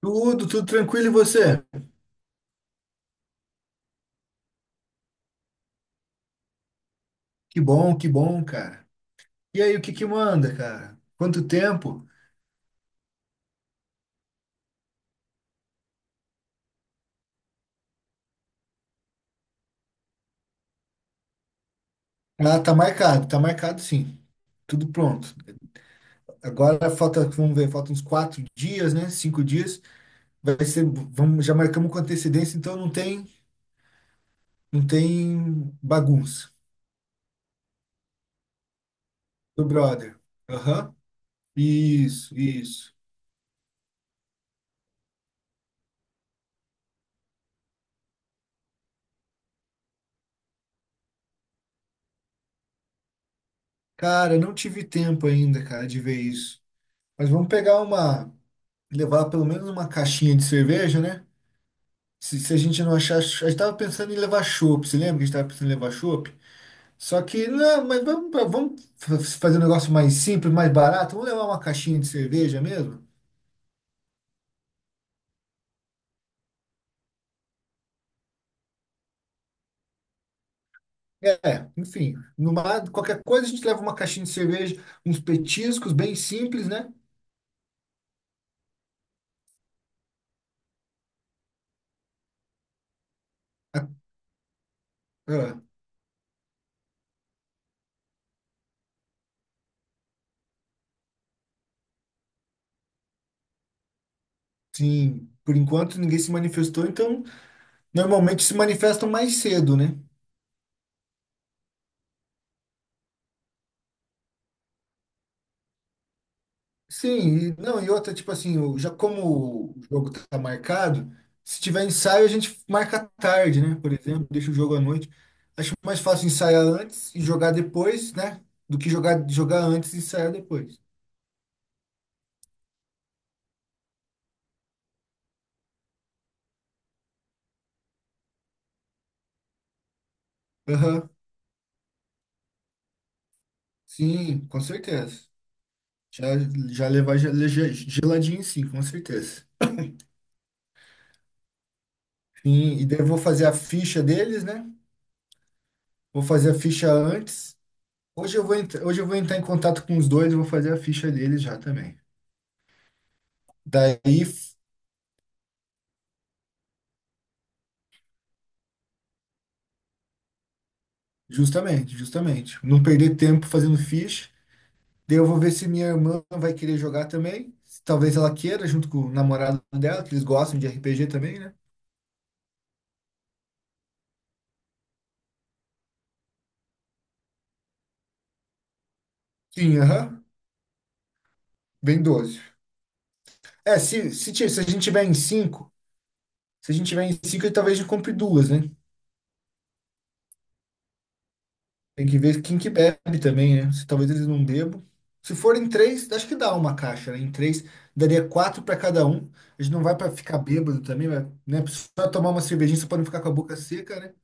Tudo, tudo tranquilo e você? Que bom, cara. E aí, o que que manda, cara? Quanto tempo? Ah, tá marcado sim. Tudo pronto. Agora falta, vamos ver, faltam uns 4 dias, né? 5 dias. Vamos, já marcamos com antecedência, então não tem bagunça. Do brother. Aham. Isso, isso. Cara, não tive tempo ainda, cara, de ver isso. Mas vamos levar pelo menos uma caixinha de cerveja, né? Se a gente não achar. A gente tava pensando em levar chopp. Você lembra que a gente tava pensando em levar chopp? Só que, não, mas vamos fazer um negócio mais simples, mais barato. Vamos levar uma caixinha de cerveja mesmo? É, enfim. Qualquer coisa a gente leva uma caixinha de cerveja, uns petiscos bem simples, né? A- ah, sim, por enquanto ninguém se manifestou, então normalmente se manifestam mais cedo, né? Sim, não, e outra, tipo assim, já como o jogo tá marcado, se tiver ensaio, a gente marca à tarde, né? Por exemplo, deixa o jogo à noite. Acho mais fácil ensaiar antes e jogar depois, né? Do que jogar, jogar antes e ensaiar depois. Aham, sim, com certeza. Já, já levar geladinho, sim, com certeza. Sim, e daí eu vou fazer a ficha deles, né? Vou fazer a ficha antes. Hoje eu vou entrar em contato com os dois e vou fazer a ficha deles já também. Daí. Justamente, justamente. Não perder tempo fazendo ficha. Daí eu vou ver se minha irmã vai querer jogar também. Talvez ela queira, junto com o namorado dela, que eles gostam de RPG também, né? Sim, aham. Vem 12. Se, se, ti- se a gente tiver em 5 se a gente tiver em 5, talvez a gente compre duas, né? Tem que ver quem que bebe também, né? Se talvez eles não bebam. Se forem três, acho que dá uma caixa, né? Em três, daria quatro para cada um. A gente não vai para ficar bêbado também, vai, né? Só tomar uma cervejinha, só para não ficar com a boca seca, né?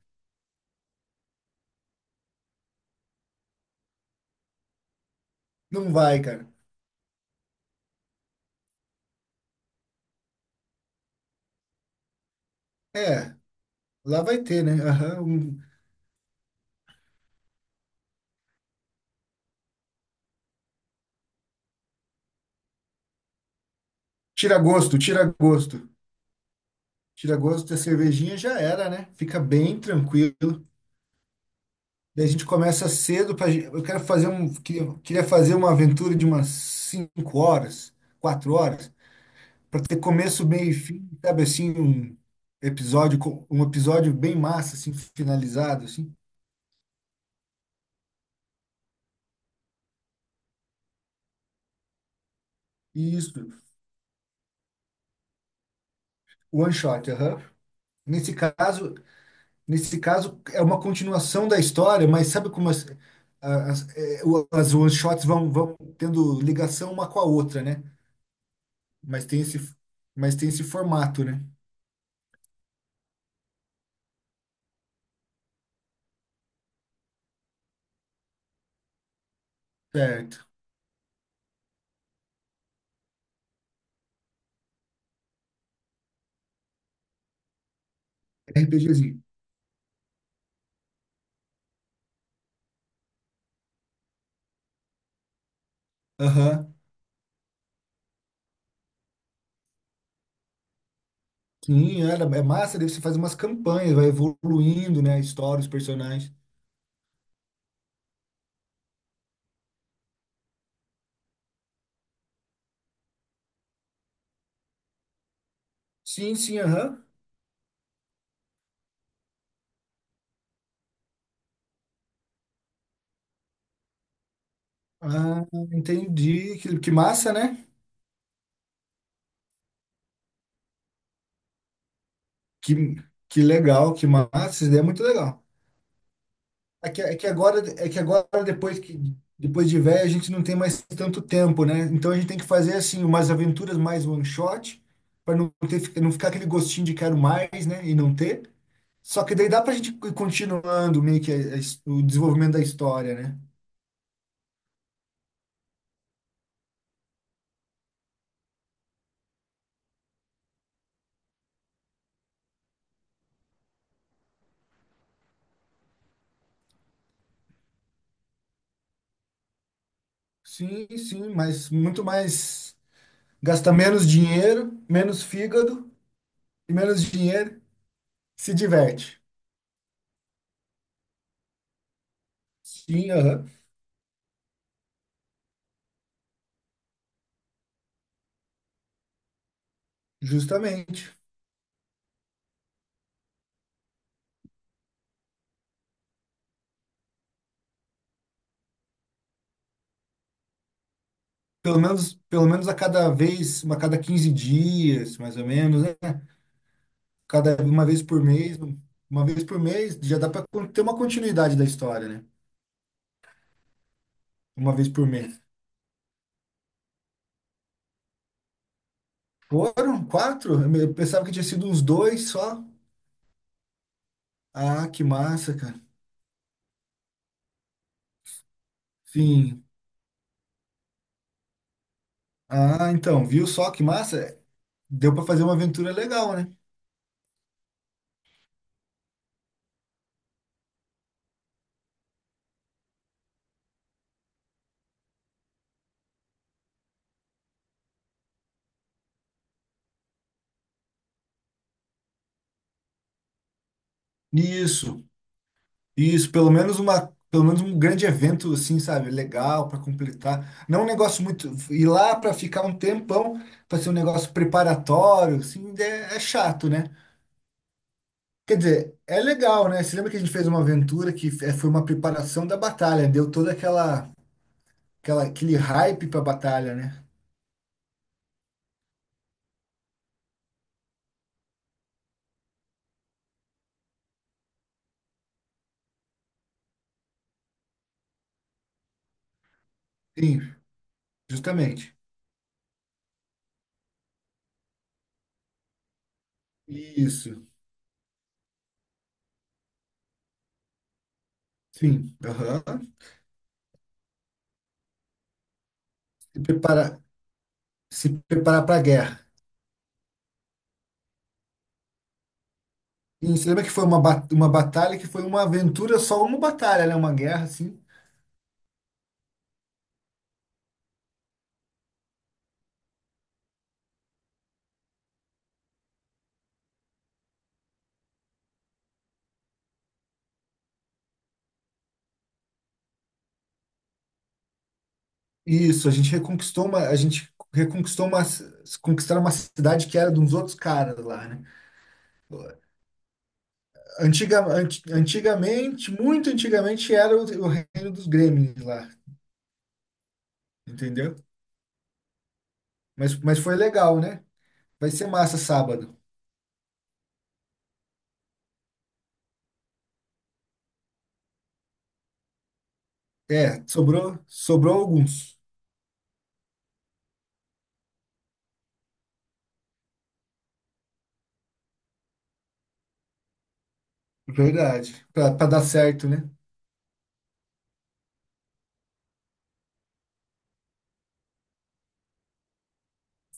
Não vai, cara. É, lá vai ter, né? Aham. Tira gosto, tira gosto. Tira gosto da cervejinha já era, né? Fica bem tranquilo. Daí a gente começa cedo para eu quero fazer um queria, queria fazer uma aventura de umas 5 horas, 4 horas, para ter começo, meio e fim, sabe assim, um um episódio bem massa assim, finalizado assim. E isso, one shot, aham. Nesse caso, Nesse caso, é uma continuação da história, mas sabe como as one-shots vão tendo ligação uma com a outra, né? Mas tem esse, mas tem esse formato, né? Certo. RPGzinho. Aham. Sim, era, é massa, daí você faz umas campanhas, vai evoluindo, né? A história, os personagens. Sim, sim, aham. Ah, entendi. Que massa, né? Que, que legal, que massa. Isso daí é muito legal. É que agora depois de velho, a gente não tem mais tanto tempo, né? Então a gente tem que fazer assim umas aventuras mais one shot para não ter, não ficar aquele gostinho de quero mais, né? E não ter. Só que daí dá pra gente ir continuando meio que o desenvolvimento da história, né? Sim, sim, mas muito mais gasta menos dinheiro, menos fígado e menos dinheiro, se diverte. Sim, aham, justamente. Pelo menos a cada vez, uma cada 15 dias, mais ou menos, né? Cada uma vez por mês, uma vez por mês, já dá para ter uma continuidade da história, né? Uma vez por mês. Foram quatro? Eu eu pensava que tinha sido uns dois só. Ah, que massa, cara. Sim. Ah, então, viu só que massa? Deu para fazer uma aventura legal, né? Isso. Isso, pelo menos um grande evento assim, sabe, legal para completar. Não um negócio muito ir lá para ficar um tempão, para ser um negócio preparatório, assim, é chato, né? Quer dizer, é legal, né? Você lembra que a gente fez uma aventura que foi uma preparação da batalha, deu toda aquela, aquela aquele hype para a batalha, né? Sim, justamente. Isso. Sim. Aham. Se preparar, se preparar para a guerra. E você lembra que foi uma batalha que foi uma aventura, só uma batalha, né? Uma guerra, assim. Isso, a gente reconquistou uma, ci- conquistaram uma cidade que era de uns outros caras lá, né? Antigamente, muito antigamente, era o reino dos Gremlins lá, entendeu? Mas foi legal, né? Vai ser massa sábado. É, sobrou alguns. Verdade. Pra dar certo, né?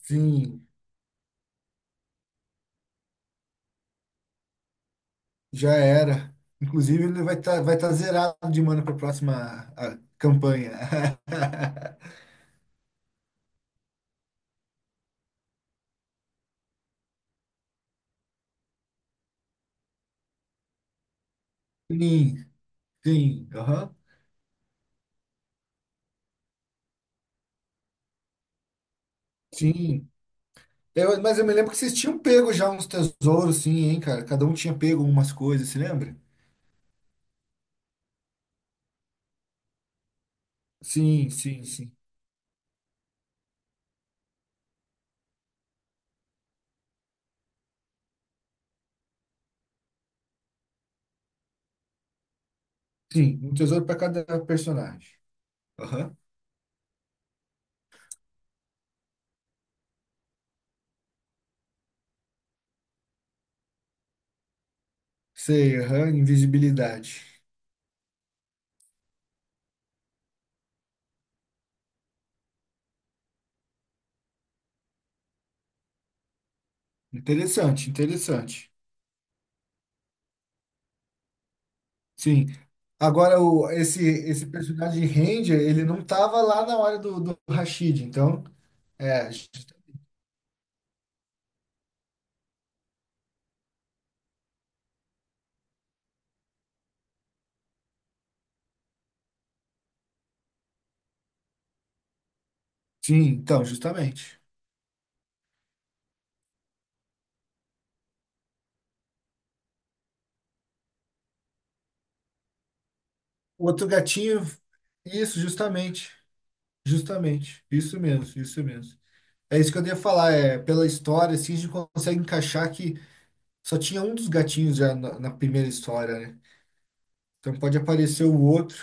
Sim. Já era. Inclusive, ele vai tá zerado de mana para a próxima campanha. Sim, sim, aham, sim. Mas eu me lembro que vocês tinham pego já uns tesouros, sim, hein, cara? Cada um tinha pego umas coisas, se lembra? Sim, sim, sim. Sim, um tesouro para cada personagem. Aham. Sei, aham, invisibilidade. Interessante, interessante. Sim. Agora, esse personagem Ranger, ele não tava lá na hora do Rashid, então. É, ju- sim, então, justamente. O outro gatinho, isso, justamente, justamente, isso mesmo, isso mesmo. É isso que eu ia falar, é, pela história, assim, a gente consegue encaixar que só tinha um dos gatinhos já na primeira história, né? Então pode aparecer o outro.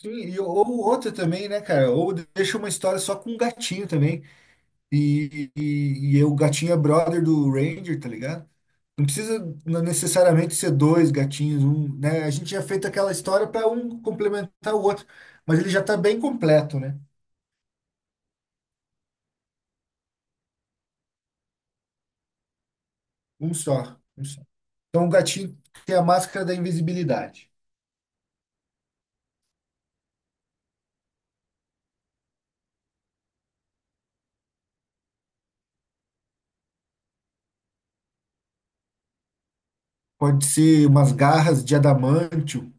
Sim, ou o outro também, né, cara? Ou deixa uma história só com um gatinho também. E o gatinho é brother do Ranger, tá ligado? Não precisa necessariamente ser dois gatinhos, um, né? A gente já fez aquela história para um complementar o outro, mas ele já está bem completo, né? Um só, um só. Então o gatinho tem a máscara da invisibilidade. Pode ser umas garras de adamantio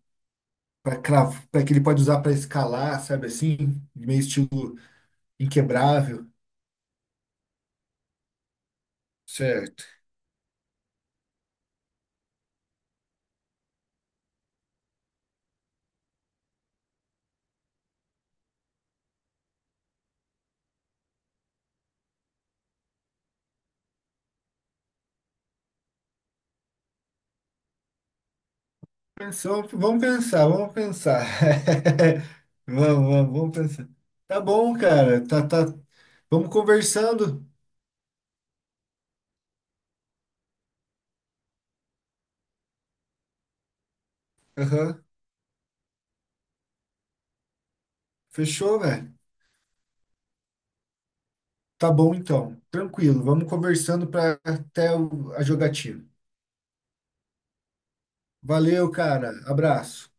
para que ele pode usar para escalar, sabe assim, meio estilo inquebrável. Certo. Pensou, vamos pensar, vamos pensar. Vamos, vamos, vamos pensar. Tá bom, cara. Tá, tá. Vamos conversando. Aham. Fechou, velho. Tá bom então. Tranquilo. Vamos conversando para até a jogatina. Valeu, cara. Abraço.